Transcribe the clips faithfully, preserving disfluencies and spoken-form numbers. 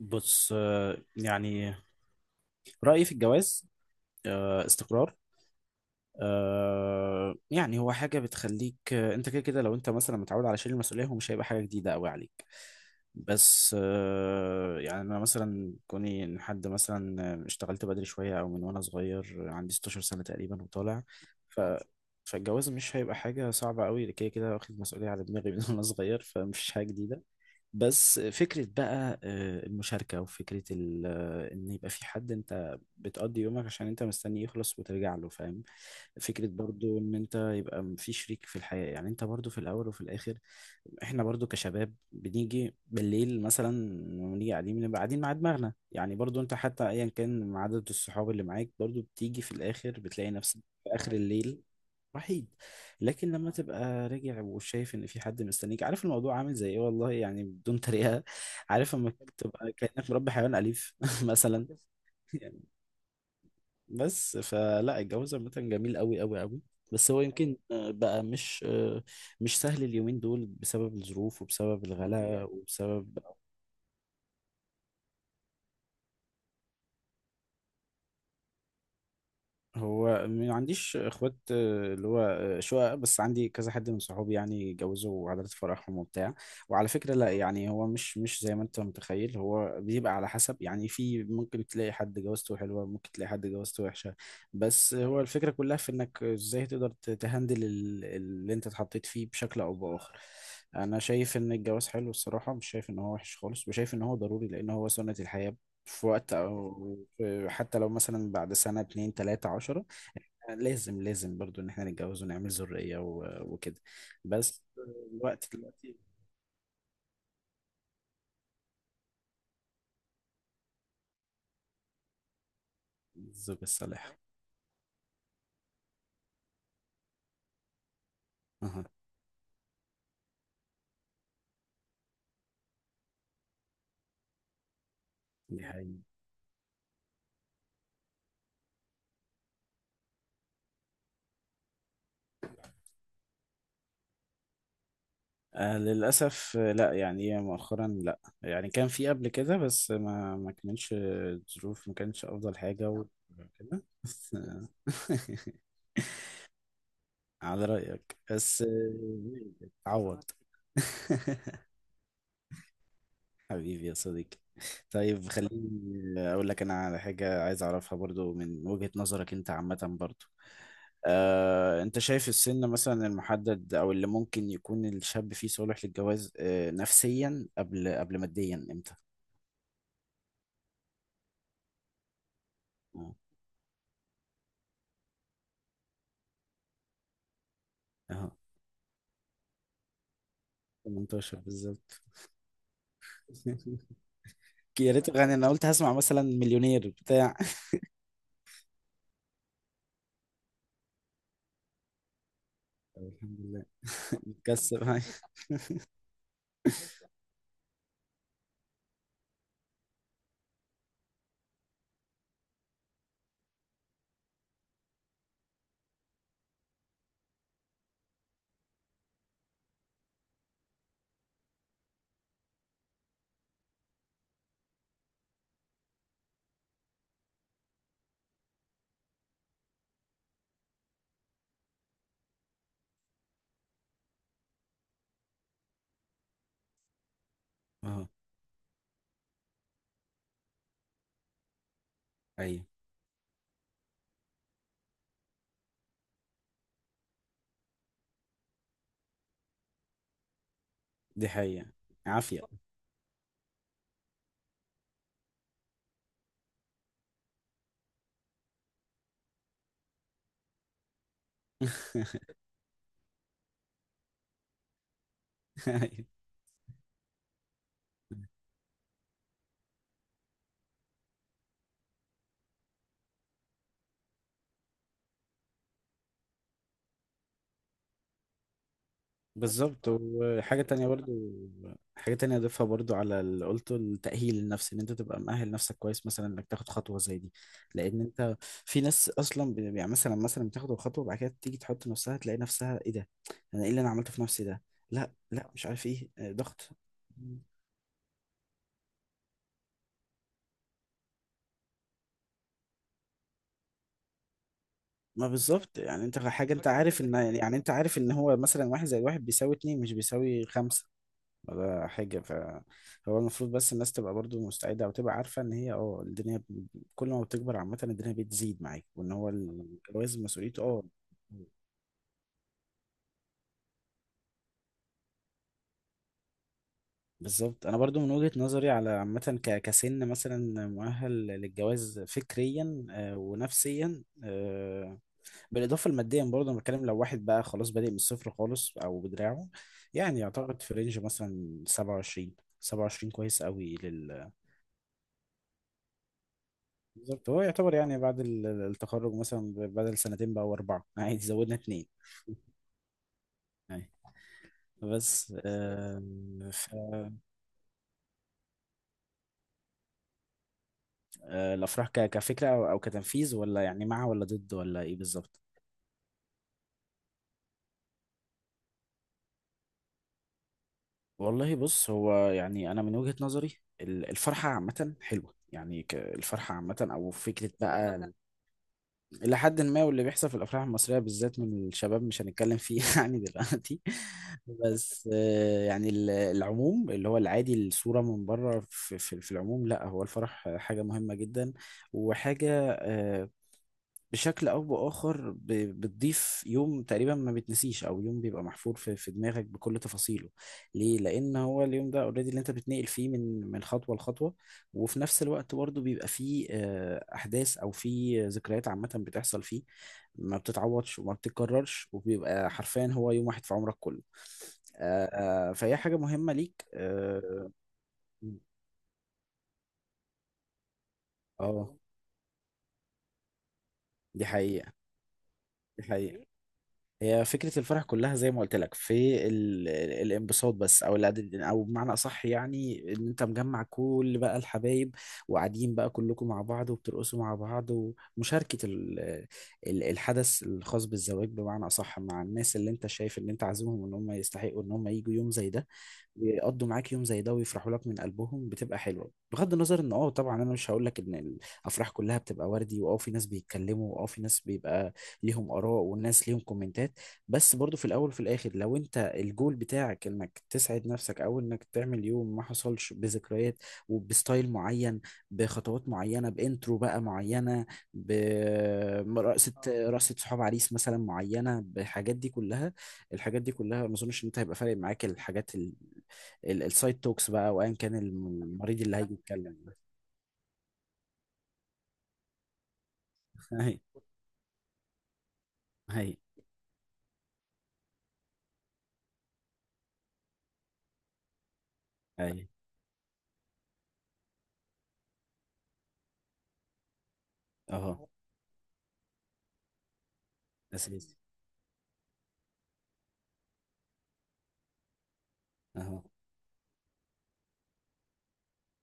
بص، آه، يعني رأيي في الجواز، آه، استقرار. آه، يعني هو حاجة بتخليك، آه، انت كده كده. لو انت مثلا متعود على شيل المسؤولية، هو مش هيبقى حاجة جديدة قوي عليك. بس، آه، يعني انا مثلا كوني ان حد مثلا، آه، اشتغلت بدري شوية او من وانا صغير، آه، عندي ستاشر سنة تقريبا وطالع. ف فالجواز مش هيبقى حاجة صعبة قوي. كده كده واخد مسؤولية على دماغي من وانا صغير، فمش حاجة جديدة. بس فكرة بقى آه، المشاركة، وفكرة ال- آه، إن يبقى في حد أنت بتقضي يومك عشان أنت مستني يخلص وترجع له، فاهم؟ فكرة برضو إن أنت يبقى م- في شريك في الحياة، يعني أنت برضو في الأول وفي الآخر. إحنا برضو كشباب بنيجي بالليل مثلا، ونيجي قاعدين، بنبقى قاعدين مع دماغنا. يعني برضو أنت، حتى أيا كان عدد الصحاب اللي معاك، برضو بتيجي في الآخر بتلاقي نفسك في آخر الليل وحيد. لكن لما تبقى راجع وشايف ان في حد مستنيك، عارف الموضوع عامل زي ايه، والله يعني بدون تريقه. عارف لما تبقى كانك مربي حيوان اليف مثلا، يعني. بس فلا الجواز عامة جميل قوي قوي قوي. بس هو يمكن آه، بقى مش آه، مش سهل اليومين دول، بسبب الظروف وبسبب الغلاء وبسبب... هو ما عنديش اخوات، آه، اللي هو آه، شقق، بس عندي كذا حد من صحابي يعني جوزوا، وعادات فرحهم وبتاع. وعلى فكرة لا، يعني هو مش مش زي ما انت متخيل. هو بيبقى على حسب، يعني في ممكن تلاقي حد جوازته حلوة، ممكن تلاقي حد جوازته وحشة. بس هو الفكرة كلها في انك ازاي تقدر ت- تهندل ال- اللي انت اتحطيت فيه بشكل او بآخر. انا شايف ان الجواز حلو الصراحة، مش شايف ان هو وحش خالص، وشايف ان هو ضروري لان هو سنة الحياة. في وقت او في- حتى لو مثلا بعد سنة، اتنين، تلاتة، عشرة، لازم لازم برضو ان احنا نتجوز ونعمل ذرية و- وكده. بس الوقت دلوقتي. الزوجة الصالحة. اها، دي حقيقة. آه للأسف، آه، لا يعني مؤخرا لا، يعني كان في قبل كده، بس ما ما كانش الظروف، ما كانش أفضل حاجة. وكده بس، آه، على رأيك بس، آه، اتعوض. حبيبي يا صديقي. طيب، خليني اقول لك انا على حاجه عايز اعرفها برضو من وجهه نظرك انت عامه برضو. آه، انت شايف السن مثلا المحدد او اللي ممكن يكون الشاب فيه صالح للجواز، آه، نفسيا قبل قبل ماديا امتى؟ اه. اهو تمنتاشر بالظبط. يا ريت، يعني انا قلت هسمع مثلا مليونير بتاع. طب الحمد لله. متكسب هاي. اهو. ايوه دي حقيقه. عافيه. أيوة. بالظبط، وحاجة تانية برضو. حاجة تانية أضيفها برضو على اللي قلته: التأهيل النفسي، إن أنت تبقى مأهل نفسك كويس مثلا إنك تاخد خطوة زي دي. لأن أنت، في ناس أصلا بي- يعني مثلا مثلا بتاخد الخطوة، وبعد كده تيجي تحط نفسها، تلاقي نفسها: إيه ده؟ أنا إيه اللي أنا عملته في نفسي ده؟ لا، لا، مش عارف إيه، آه، ضغط. ما بالظبط، يعني أنت حاجة. أنت عارف إن يعني أنت عارف إن هو مثلا واحد زي واحد بيساوي اتنين، مش بيساوي خمسة ولا حاجة. فهو المفروض بس الناس تبقى برضو مستعدة، أو تبقى عارفة إن هي، أه الدنيا كل ما بتكبر عامة الدنيا بتزيد معاك، وان هو الجواز مسؤوليته. اه. بالظبط. انا برضو من وجهة نظري على عامة، ك- كسن مثلا مؤهل للجواز فكريا آه، ونفسيا، آه، بالاضافة لماديا برضو. انا بتكلم لو واحد بقى خلاص بادئ من الصفر خالص او بدراعه، يعني يعتقد في رينج مثلا سبعة وعشرين سبعة وعشرين كويس قوي لل بالظبط. هو يعتبر يعني بعد ال- التخرج مثلا ب- بدل سنتين بقى واربعة عادي. زودنا اتنين يعني. بس آه، ف آه، الافراح ك- كفكره او أو كتنفيذ، ولا يعني مع ولا ضد، ولا ايه بالظبط؟ والله بص، هو يعني انا من وجهه نظري، ال- الفرحه عامه حلوه، يعني ك- الفرحه عامه او فكره بقى الى حد ما. واللي بيحصل في الافراح المصريه بالذات من الشباب مش هنتكلم فيه يعني دلوقتي. بس آه، يعني ال- العموم، اللي هو العادي، الصوره من بره في في في العموم، لا هو الفرح حاجه مهمه جدا. وحاجه، آه، بشكل او باخر ب- بتضيف يوم تقريبا ما بتنسيش، او يوم بيبقى محفور في في دماغك بكل تفاصيله. ليه؟ لان هو اليوم ده اوريدي اللي انت بتنقل فيه من من خطوه لخطوه. وفي نفس الوقت برضه بيبقى فيه آه، احداث او فيه ذكريات عامه بتحصل فيه، ما بتتعوضش وما بتتكررش، وبيبقى حرفيا هو يوم واحد في عمرك كله. آه، آه، فهي حاجه مهمه ليك. اه. آه، دي حقيقه، دي حقيقه. هي فكرة الفرح كلها زي ما قلت لك في ال... ال- الانبساط بس، او العدد، او بمعنى اصح يعني ان انت مجمع كل بقى الحبايب، وقاعدين بقى كلكم مع بعض وبترقصوا مع بعض، ومشاركة ال... ال- الحدث الخاص بالزواج بمعنى اصح، مع الناس اللي انت شايف ان انت عازمهم، ان هم يستحقوا ان هم يجوا يوم زي ده، بيقضوا معاك يوم زي ده ويفرحوا لك من قلبهم. بتبقى حلوه، بغض النظر ان، اه طبعا انا مش هقول لك ان الافراح كلها بتبقى وردي، واه في ناس بيتكلموا، واه في ناس بيبقى ليهم اراء، والناس ليهم كومنتات. بس برضو في الاول وفي الاخر، لو انت الجول بتاعك انك تسعد نفسك، او انك تعمل يوم ما حصلش، بذكريات وبستايل معين، بخطوات معينه، بانترو بقى معينه، برقصه، رقصه صحاب عريس مثلا معينه، بالحاجات دي كلها، الحاجات دي كلها ما اظنش ان انت هيبقى فارق معاك. الحاجات، السايد توكس بقى وأيا كان المريض اللي هيجي يتكلم. هي، هي، هي. أهو. أساسي. أهو.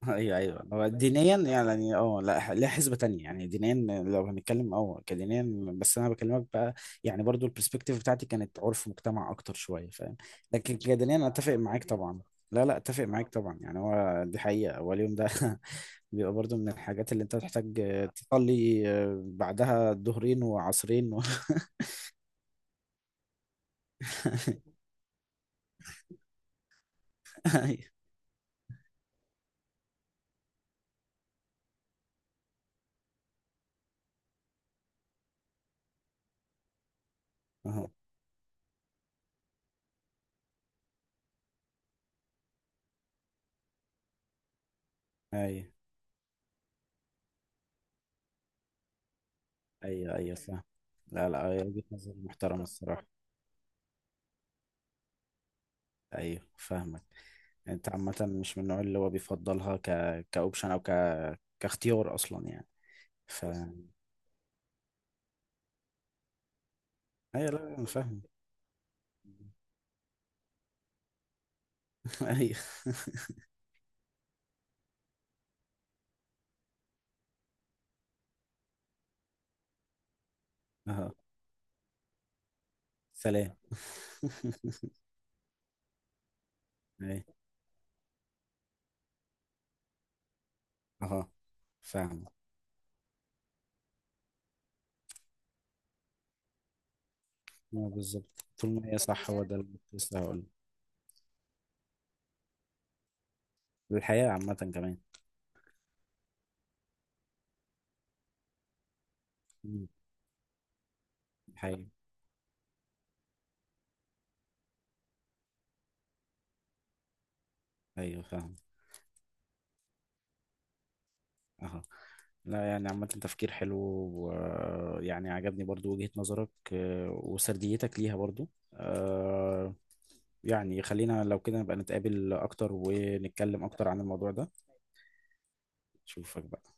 أيوه، أيوه، هو دينيا يعني. أه لا، لها حسبة تانية يعني دينيا. لو هنتكلم أه كدينيا، بس أنا بكلمك بقى. يعني برضو البرسبكتيف بتاعتي كانت عرف مجتمع أكتر شوية، فاهم؟ لكن كدينيا أنا أتفق معاك طبعا. لا، لا، أتفق معاك طبعا. يعني هو دي حقيقة، هو اليوم ده بيبقى برضو من الحاجات اللي أنت تحتاج تصلي آه، بعدها ظهرين وعصرين و... أيوه. أهو. ايوه، ايوه، ايوه، فاهم. لا، لا، هي وجهة نظر محترمة الصراحة. ايوه، فاهمك. انت عامة مش من النوع اللي هو بيفضلها ك كاوبشن او ك كاختيار اصلا يعني. ف ايوه، لا، انا فاهم. ايوه. اهو. سلام. ايوه. اهو. فاهم. اه بالظبط، طول ما هي صح، هو ده اللي كنت لسه هقوله. الحياة عامة كمان. مم. الحياة. ايوه، فاهم. اهو. لا يعني عامة تفكير حلو، ويعني عجبني برضو وجهة نظرك، آه، وسرديتك ليها برضو. آه، يعني خلينا لو كده نبقى نتقابل أكتر ونتكلم أكتر عن الموضوع ده. أشوفك بقى.